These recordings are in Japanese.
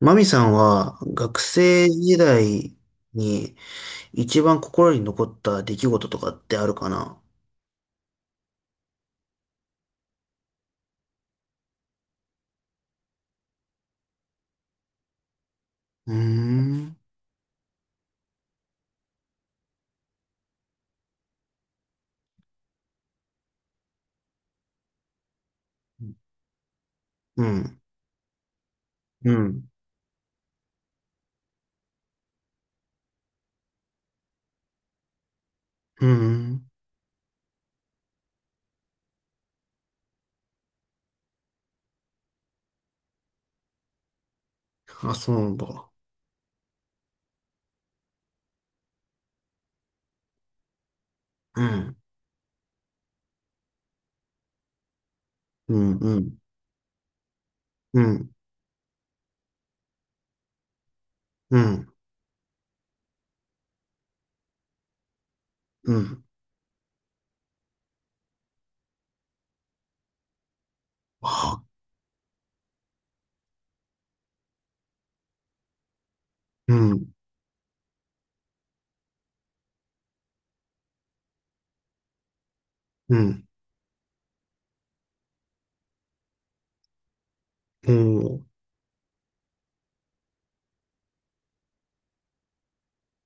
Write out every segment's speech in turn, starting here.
マミさんは学生時代に一番心に残った出来事とかってあるかな？うーん。うん。うん。うん。あ、そうなんだ。うん。うん。うん。うん。うん。うん。あ、うん。うん。おー。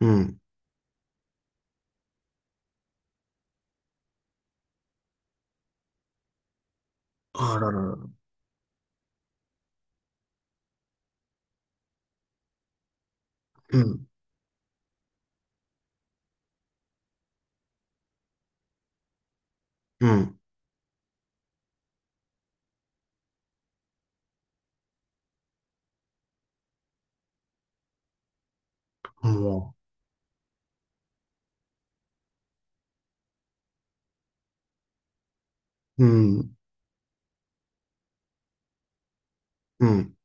うん。あららら。うん。うん。もう。うん。うん。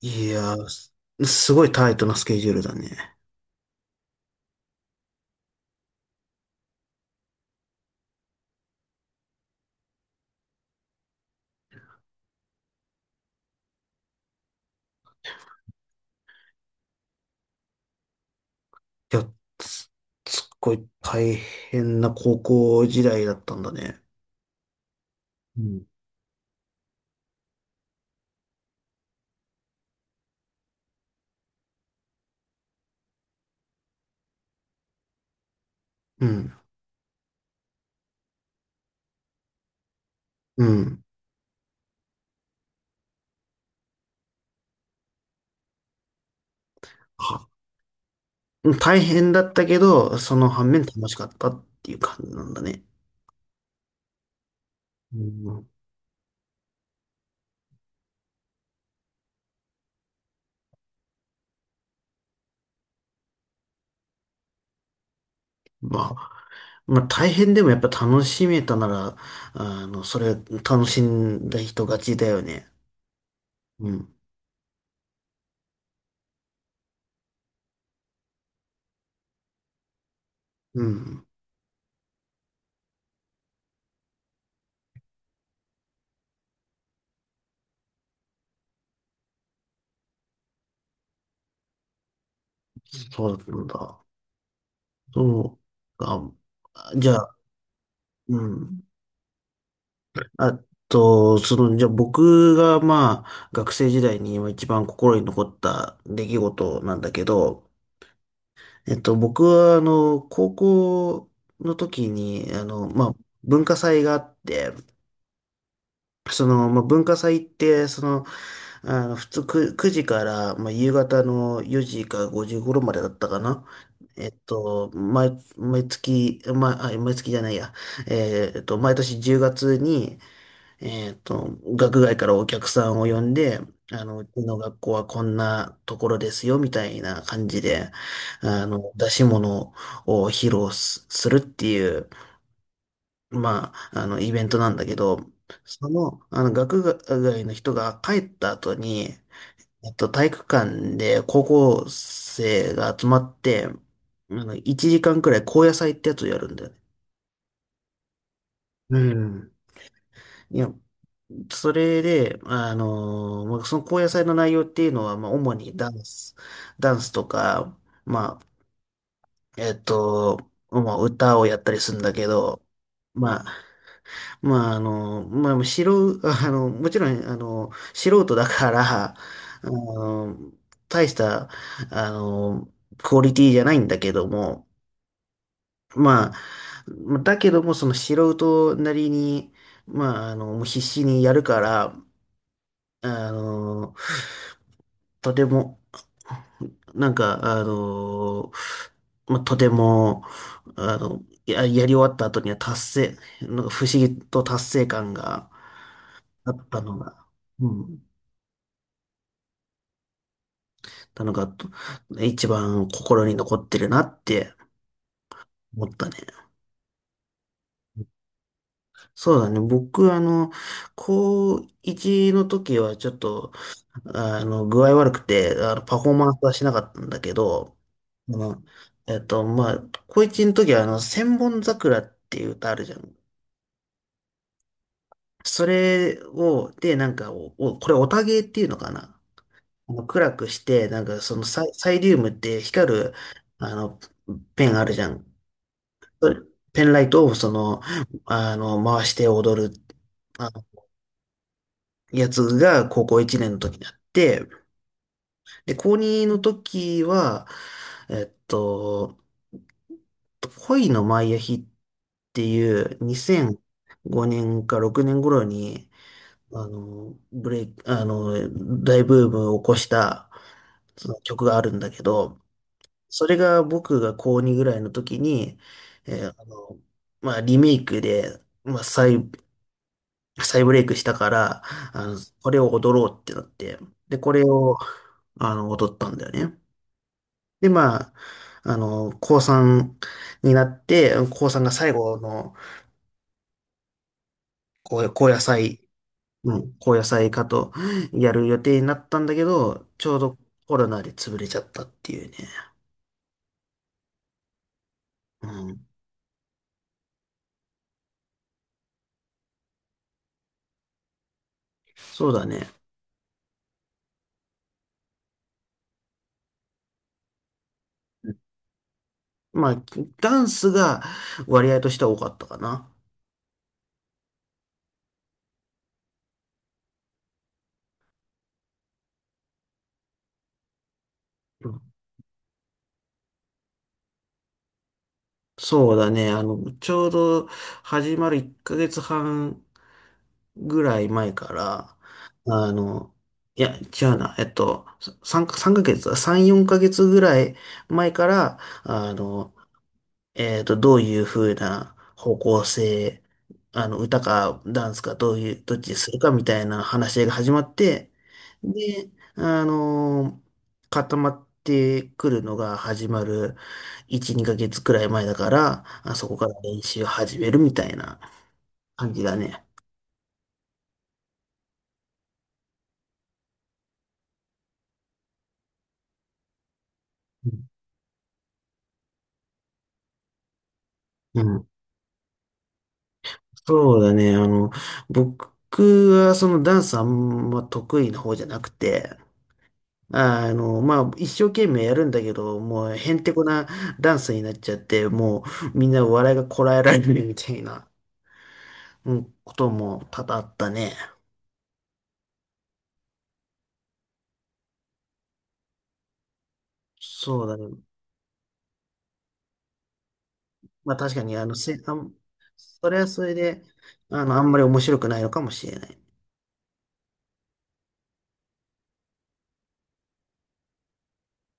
いやー、すごいタイトなスケジュールだね。いや、すすっごい大変な高校時代だったんだね。うん。うん。うん。は、大変だったけど、その反面楽しかったっていう感じなんだね。うん。まあ、大変でもやっぱ楽しめたなら、それ楽しんだ人勝ちだよね。うん。うん。そうだったんだ。そう。あ、じゃあ、うん。あと、じゃあ僕が、まあ、学生時代に今一番心に残った出来事なんだけど、僕は、高校の時に、まあ、文化祭があって、まあ、文化祭って、普通く9時から、まあ、夕方の4時か5時頃までだったかな。えっと、毎、毎月、毎月じゃないや。毎年10月に、学外からお客さんを呼んで、うちの学校はこんなところですよ、みたいな感じで、出し物を披露す、するっていう、まあ、イベントなんだけど、学外の人が帰った後に、体育館で高校生が集まって、1時間くらい高野祭ってやつをやるんだよね。うん。いや、それで、まあ、その高野祭の内容っていうのは、まあ、主にダンスとか、まあ、まあ、歌をやったりするんだけど、まあ、まあ、まあ、素人、もちろん、素人だから、の、大した、あの、クオリティじゃないんだけども、まあ、だけども、その素人なりに、まあ、もう必死にやるから、あの、とても、なんか、まあ、とても、やり終わった後には達成、なんか不思議と達成感があったのが、うん、なのが、と一番心に残ってるなって思ったね。そうだね。僕、高1の時はちょっと、具合悪くて、パフォーマンスはしなかったんだけど、あの、まあ、高一の時は、千本桜っていう歌あるじゃん。それを、で、なんかおこれ、オタゲーっていうのかな。暗くして、なんか、そのサイリウムって光る、あの、ペンあるじゃん。それペンライトを、回して踊る、あの、やつが、高校1年の時にあって、で、高2の時は、えっと、恋のマイアヒっていう2005年か6年頃に、ブレイク、大ブームを起こしたその曲があるんだけど、それが僕が高2ぐらいの時に、えーあの、まあ、リメイクで、まあ、再ブレイクしたから、あの、これを踊ろうってなって、で、これを、踊ったんだよね。で、まあ、高3になって、高3が最後の高野菜、うん、高野菜かとやる予定になったんだけど、ちょうどコロナで潰れちゃったっていうね。うん、そうだね。まあ、ダンスが割合としては多かったかな。そうだね。ちょうど始まる1ヶ月半ぐらい前から、あの、いや、違うな。3、三ヶ月、3、4ヶ月ぐらい前から、どういう風な方向性、歌かダンスかどういう、どっちにするかみたいな話し合いが始まって、で、あのー固まってくるのが始まる1、2ヶ月くらい前だから、あそこから練習を始めるみたいな感じだね。うん。うん、そうだね。僕はそのダンスあんま得意な方じゃなくて、まあ、一生懸命やるんだけど、もう、へんてこなダンスになっちゃって、もう、みんな笑いがこらえられるみたいな、うん、ことも多々あったね。そうだね。まあ、確かに、あの、せ、あん、それはそれで、あんまり面白くないのかもしれない。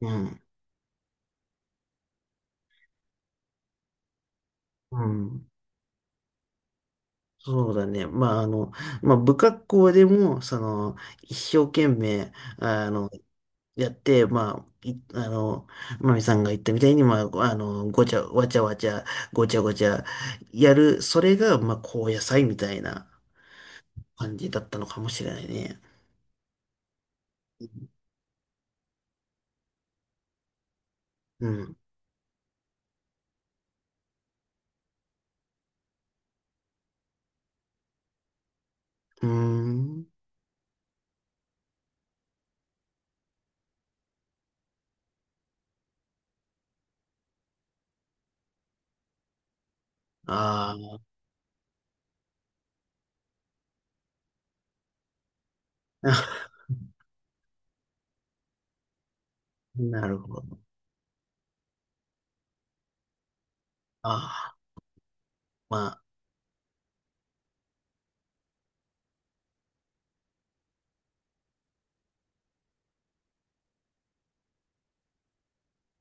うん。うん。そうだね。まあ、まあ、不格好でも、その、一生懸命、あの、やって、まあ、い、あの、まみさんが言ったみたいに、まあ、ごちゃ、わちゃわちゃ、ごちゃごちゃ、やる、それが、まあ、高野菜みたいな感じだったのかもしれないね。うん。うーん。ああ、なるほど。ああ、まあ。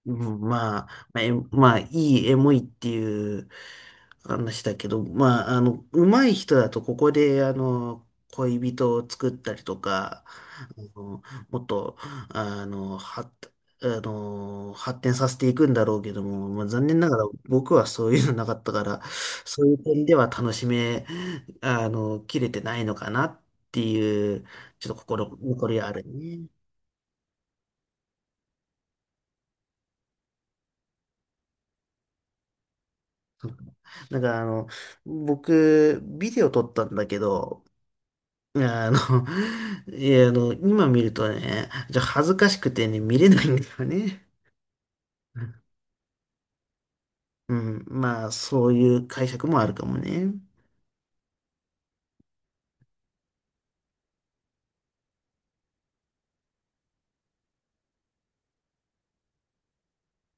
うん、まあ、まあいいエモいっていう話だけど、まあ、上手い人だとここで、恋人を作ったりとか、もっと、あの、は、あの、発展させていくんだろうけども、まあ、残念ながら僕はそういうのなかったから、そういう点では楽しめ、切れてないのかなっていう、ちょっと心残りはあるね。なんか僕、ビデオ撮ったんだけど、いやいや、今見るとね、じゃあ恥ずかしくてね、見れないんだよね。うん、まあ、そういう解釈もあるかもね。